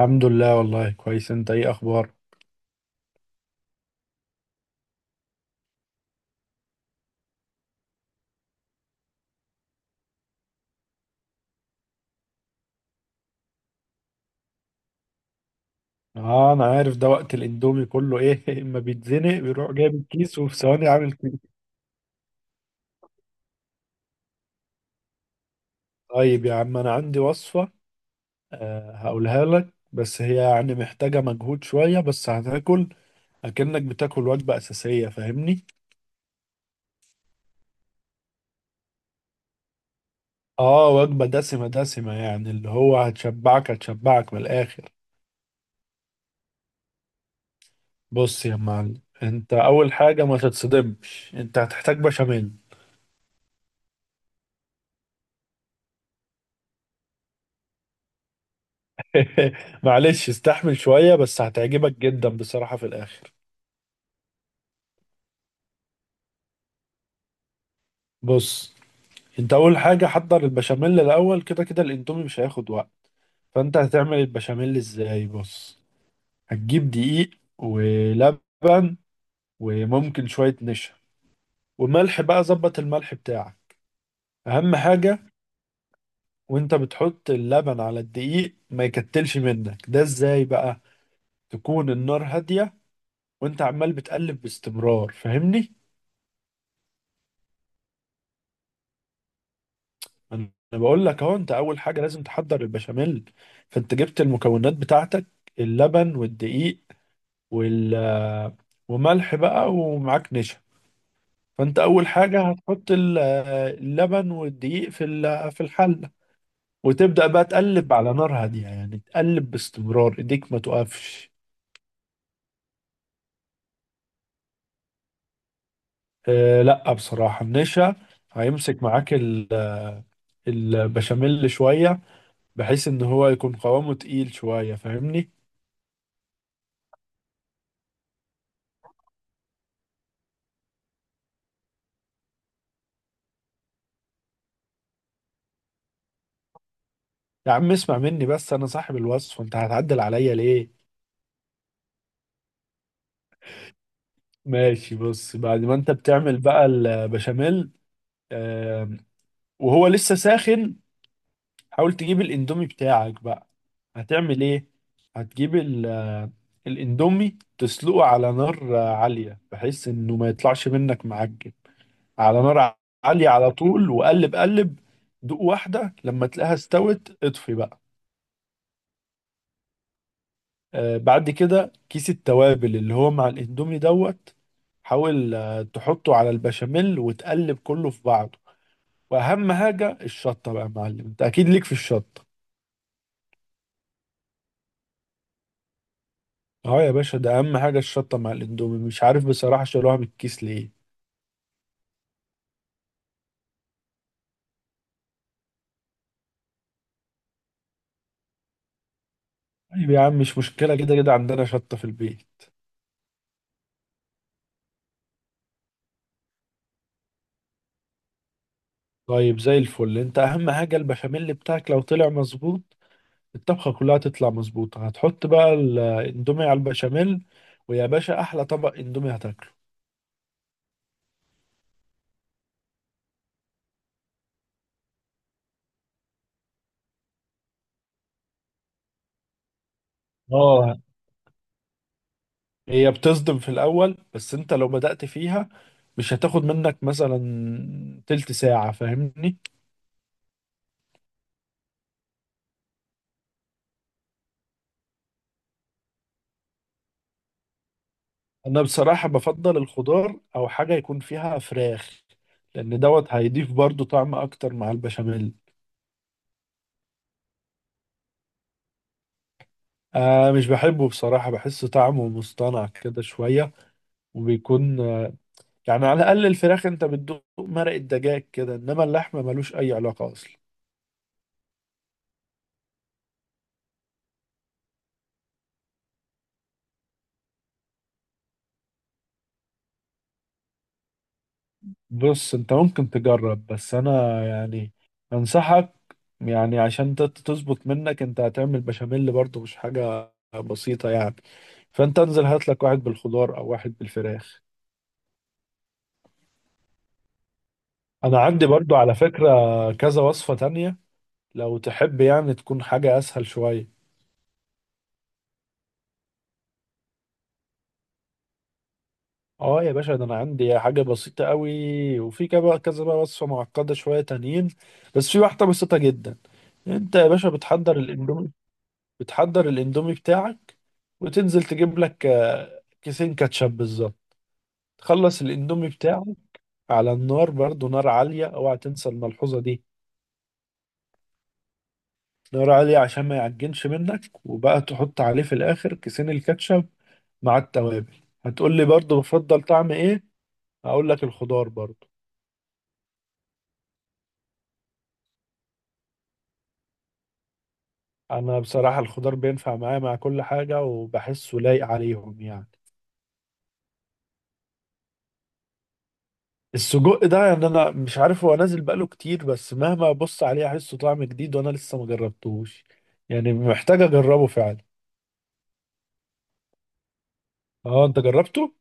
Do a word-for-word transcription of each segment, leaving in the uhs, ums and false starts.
الحمد لله، والله كويس. انت ايه اخبارك؟ اه، انا عارف ده، وقت الاندومي كله ايه اما بيتزنق بيروح جايب الكيس وفي ثواني عامل كده. طيب يا عم، انا عندي وصفة. آه هقولها لك، بس هي يعني محتاجة مجهود شوية، بس هتاكل اكنك بتاكل وجبة اساسية، فاهمني؟ اه، وجبة دسمة دسمة يعني، اللي هو هتشبعك هتشبعك من الاخر. بص يا معلم، انت اول حاجة ما تتصدمش، انت هتحتاج بشاميل. معلش استحمل شوية، بس هتعجبك جدا بصراحة في الآخر. بص، انت أول حاجة حضر البشاميل الأول. كده كده الإندومي مش هياخد وقت. فانت هتعمل البشاميل ازاي؟ بص، هتجيب دقيق، ولبن، وممكن شوية نشا، وملح بقى، ظبط الملح بتاعك، أهم حاجة. وانت بتحط اللبن على الدقيق ما يكتلش منك ده، ازاي بقى؟ تكون النار هادية، وانت عمال بتقلب باستمرار، فاهمني؟ انا بقول لك اهو، انت اول حاجه لازم تحضر البشاميل. فانت جبت المكونات بتاعتك، اللبن والدقيق، وال وملح بقى، ومعاك نشا. فانت اول حاجه هتحط ال- اللبن والدقيق في ال- في الحله، وتبدا بقى تقلب على نار هاديه، يعني تقلب باستمرار، ايديك ما توقفش. أه لا، بصراحه النشا هيمسك معاك ال- البشاميل شويه، بحيث ان هو يكون قوامه تقيل شويه، فاهمني؟ يا عم اسمع مني بس، انا صاحب الوصف، انت هتعدل عليا ليه؟ ماشي، بص، بعد ما انت بتعمل بقى البشاميل آم، وهو لسه ساخن، حاول تجيب الاندومي بتاعك بقى. هتعمل ايه؟ هتجيب ال- الاندومي، تسلقه على نار آه، عالية، بحيث انه ما يطلعش منك معجن. على نار عالية على طول، وقلب قلب، دوق واحدة، لما تلاقيها استوت اطفي بقى. آه، بعد كده كيس التوابل اللي هو مع الاندومي دوت، حاول آه، تحطه على البشاميل وتقلب كله في بعضه. واهم حاجه الشطه بقى يا معلم، انت اكيد ليك في الشطه. اه يا باشا، ده اهم حاجه الشطه مع الاندومي، مش عارف بصراحه شالوها من الكيس ليه. طيب يا عم، مش مشكله، كده كده عندنا شطه في البيت. طيب زي الفل، انت اهم حاجه البشاميل بتاعك لو طلع مظبوط، الطبخه كلها تطلع مظبوطه. هتحط بقى الاندومي على البشاميل، ويا باشا احلى طبق اندومي هتاكله. اه، هي بتصدم في الأول، بس أنت لو بدأت فيها، مش هتاخد منك مثلا تلت ساعة، فاهمني؟ أنا بصراحة بفضل الخضار، أو حاجة يكون فيها فراخ، لأن دوت هيضيف برضو طعم أكتر مع البشاميل. آه، مش بحبه بصراحة، بحس طعمه مصطنع كده شوية. وبيكون آه، يعني على الأقل الفراخ، أنت بتدوق مرق الدجاج كده، إنما اللحمة ملوش أي علاقة أصلا. بص، انت ممكن تجرب، بس انا يعني انصحك، يعني عشان تت- تظبط منك، انت هتعمل بشاميل برضه، مش حاجة بسيطة يعني. فانت انزل هات لك واحد بالخضار او واحد بالفراخ. انا عندي برضه على فكرة كذا وصفة تانية، لو تحب يعني تكون حاجة اسهل شوية. اه يا باشا، ده انا عندي حاجة بسيطة قوي، وفي كذا كذا بقى وصفة معقدة شوية تانيين، بس في واحدة بسيطة جدا. انت يا باشا بتحضر الاندومي بتحضر الاندومي بتاعك، وتنزل تجيب لك آه، كيسين كاتشب بالظبط. تخلص الاندومي بتاعك على النار، برضو نار عالية، اوعى تنسى الملحوظة دي. نار عالية عشان ما يعجنش منك، وبقى تحط عليه في الاخر كيسين الكاتشب مع التوابل. هتقول لي برضو بفضل طعم ايه؟ هقول لك الخضار برضو. انا بصراحة الخضار بينفع معايا مع كل حاجة، وبحسه لايق عليهم يعني. السجق ده يعني انا مش عارف، هو نازل بقاله كتير، بس مهما ابص عليه احسه طعم جديد، وانا لسه ما جربتوش، يعني محتاج اجربه فعلا. اه، انت جربته؟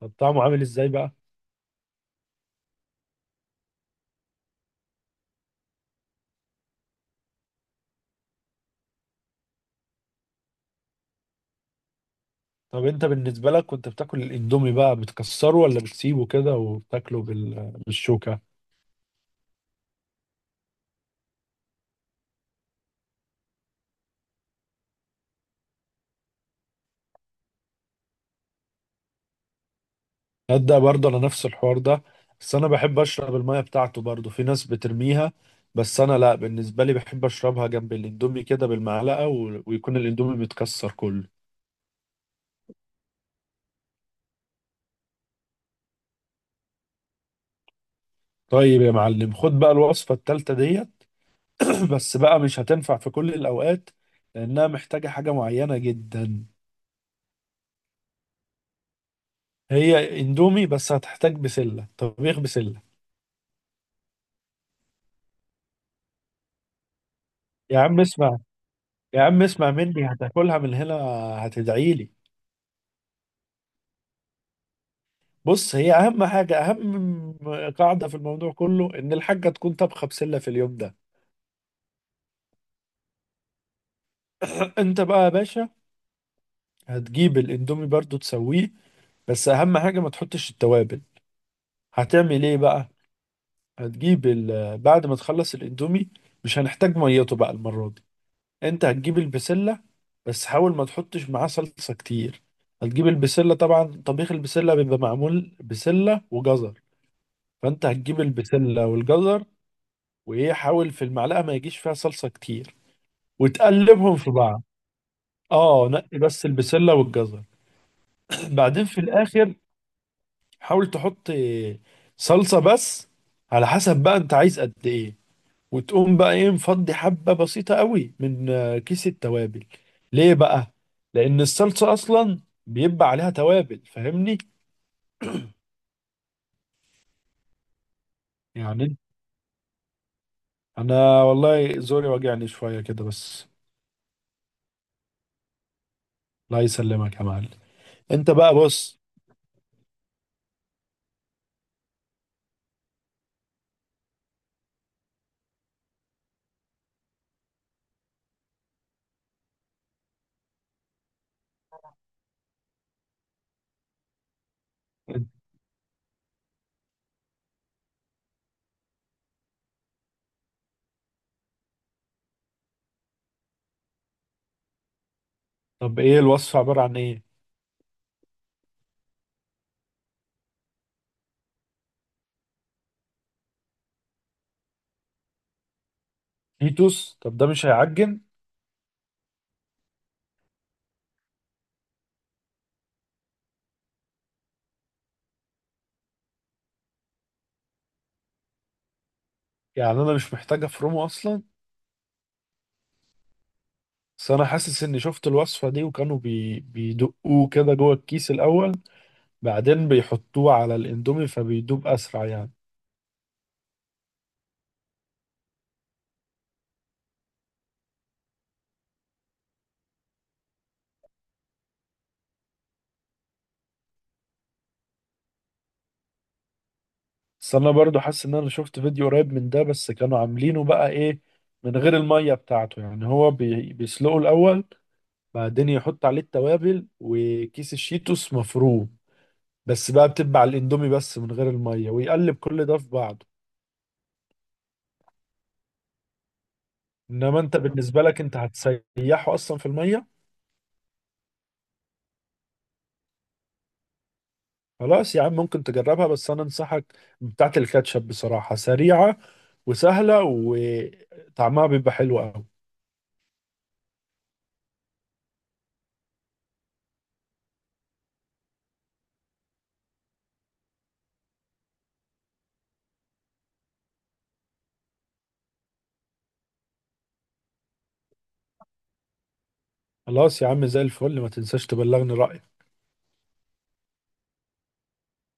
طب طعمه عامل ازاي بقى؟ طب انت بالنسبه لك كنت بتاكل الاندومي بقى، بتكسره ولا بتسيبه كده وبتاكله بال- بالشوكه؟ تصدق برضه انا نفس الحوار ده. بس انا بحب اشرب الميه بتاعته، برضه في ناس بترميها، بس انا لا، بالنسبه لي بحب اشربها جنب الاندومي كده بالمعلقه، و- ويكون الاندومي متكسر كله. طيب يا معلم، خد بقى الوصفة التالتة ديت. بس بقى مش هتنفع في كل الأوقات، لأنها محتاجة حاجة معينة جدا. هي اندومي، بس هتحتاج بسلة طبيخ بسلة. يا عم اسمع يا عم اسمع مني، هتاكلها من هنا هتدعيلي. بص، هي أهم حاجة، أهم قاعدة في الموضوع كله، إن الحاجة تكون طبخة بسلة في اليوم ده. أنت بقى يا باشا هتجيب الاندومي برضو تسويه، بس أهم حاجة ما تحطش التوابل. هتعمل إيه بقى؟ هتجيب ال... بعد ما تخلص الاندومي، مش هنحتاج ميته بقى المرة دي. انت هتجيب البسلة، بس حاول ما تحطش معاه صلصة كتير. هتجيب البسلة، طبعا طبيخ البسلة بيبقى معمول بسلة وجزر. فانت هتجيب البسلة والجزر، وايه، حاول في المعلقة ما يجيش فيها صلصة كتير، وتقلبهم في بعض. اه، نقي بس البسلة والجزر. بعدين في الاخر حاول تحط صلصة بس، على حسب بقى انت عايز قد ايه. وتقوم بقى ايه مفضي حبة بسيطة قوي من آه، كيس التوابل. ليه بقى؟ لأن الصلصة أصلا بيبقى عليها توابل، فاهمني؟ يعني أنا والله زوري واجعني شوية كده بس. الله يسلمك يا معلم. أنت بقى بص. طب إيه الوصفة عبارة عن إيه؟ فيتوس، طب ده مش هيعجن؟ يعني أنا مش محتاج أفرمه أصلا. بس أنا حاسس إني شفت الوصفة دي، وكانوا بي... بيدقوه كده جوه الكيس الأول، بعدين بيحطوه على الإندومي فبيدوب أسرع يعني. بس انا برضو حاسس ان انا شفت فيديو قريب من ده، بس كانوا عاملينه بقى ايه، من غير المية بتاعته، يعني هو بي... بيسلقه الاول، بعدين يحط عليه التوابل وكيس الشيتوس مفروم، بس بقى بتبع الاندومي بس من غير المية، ويقلب كل ده في بعضه. انما انت بالنسبة لك انت هتسيحه اصلا في المية. خلاص يا عم، ممكن تجربها، بس انا انصحك بتاعت الكاتشب، بصراحة سريعة وسهلة، وطعمها بيبقى حلو قوي. خلاص يا عم زي الفل، ما تنساش تبلغني رأيك.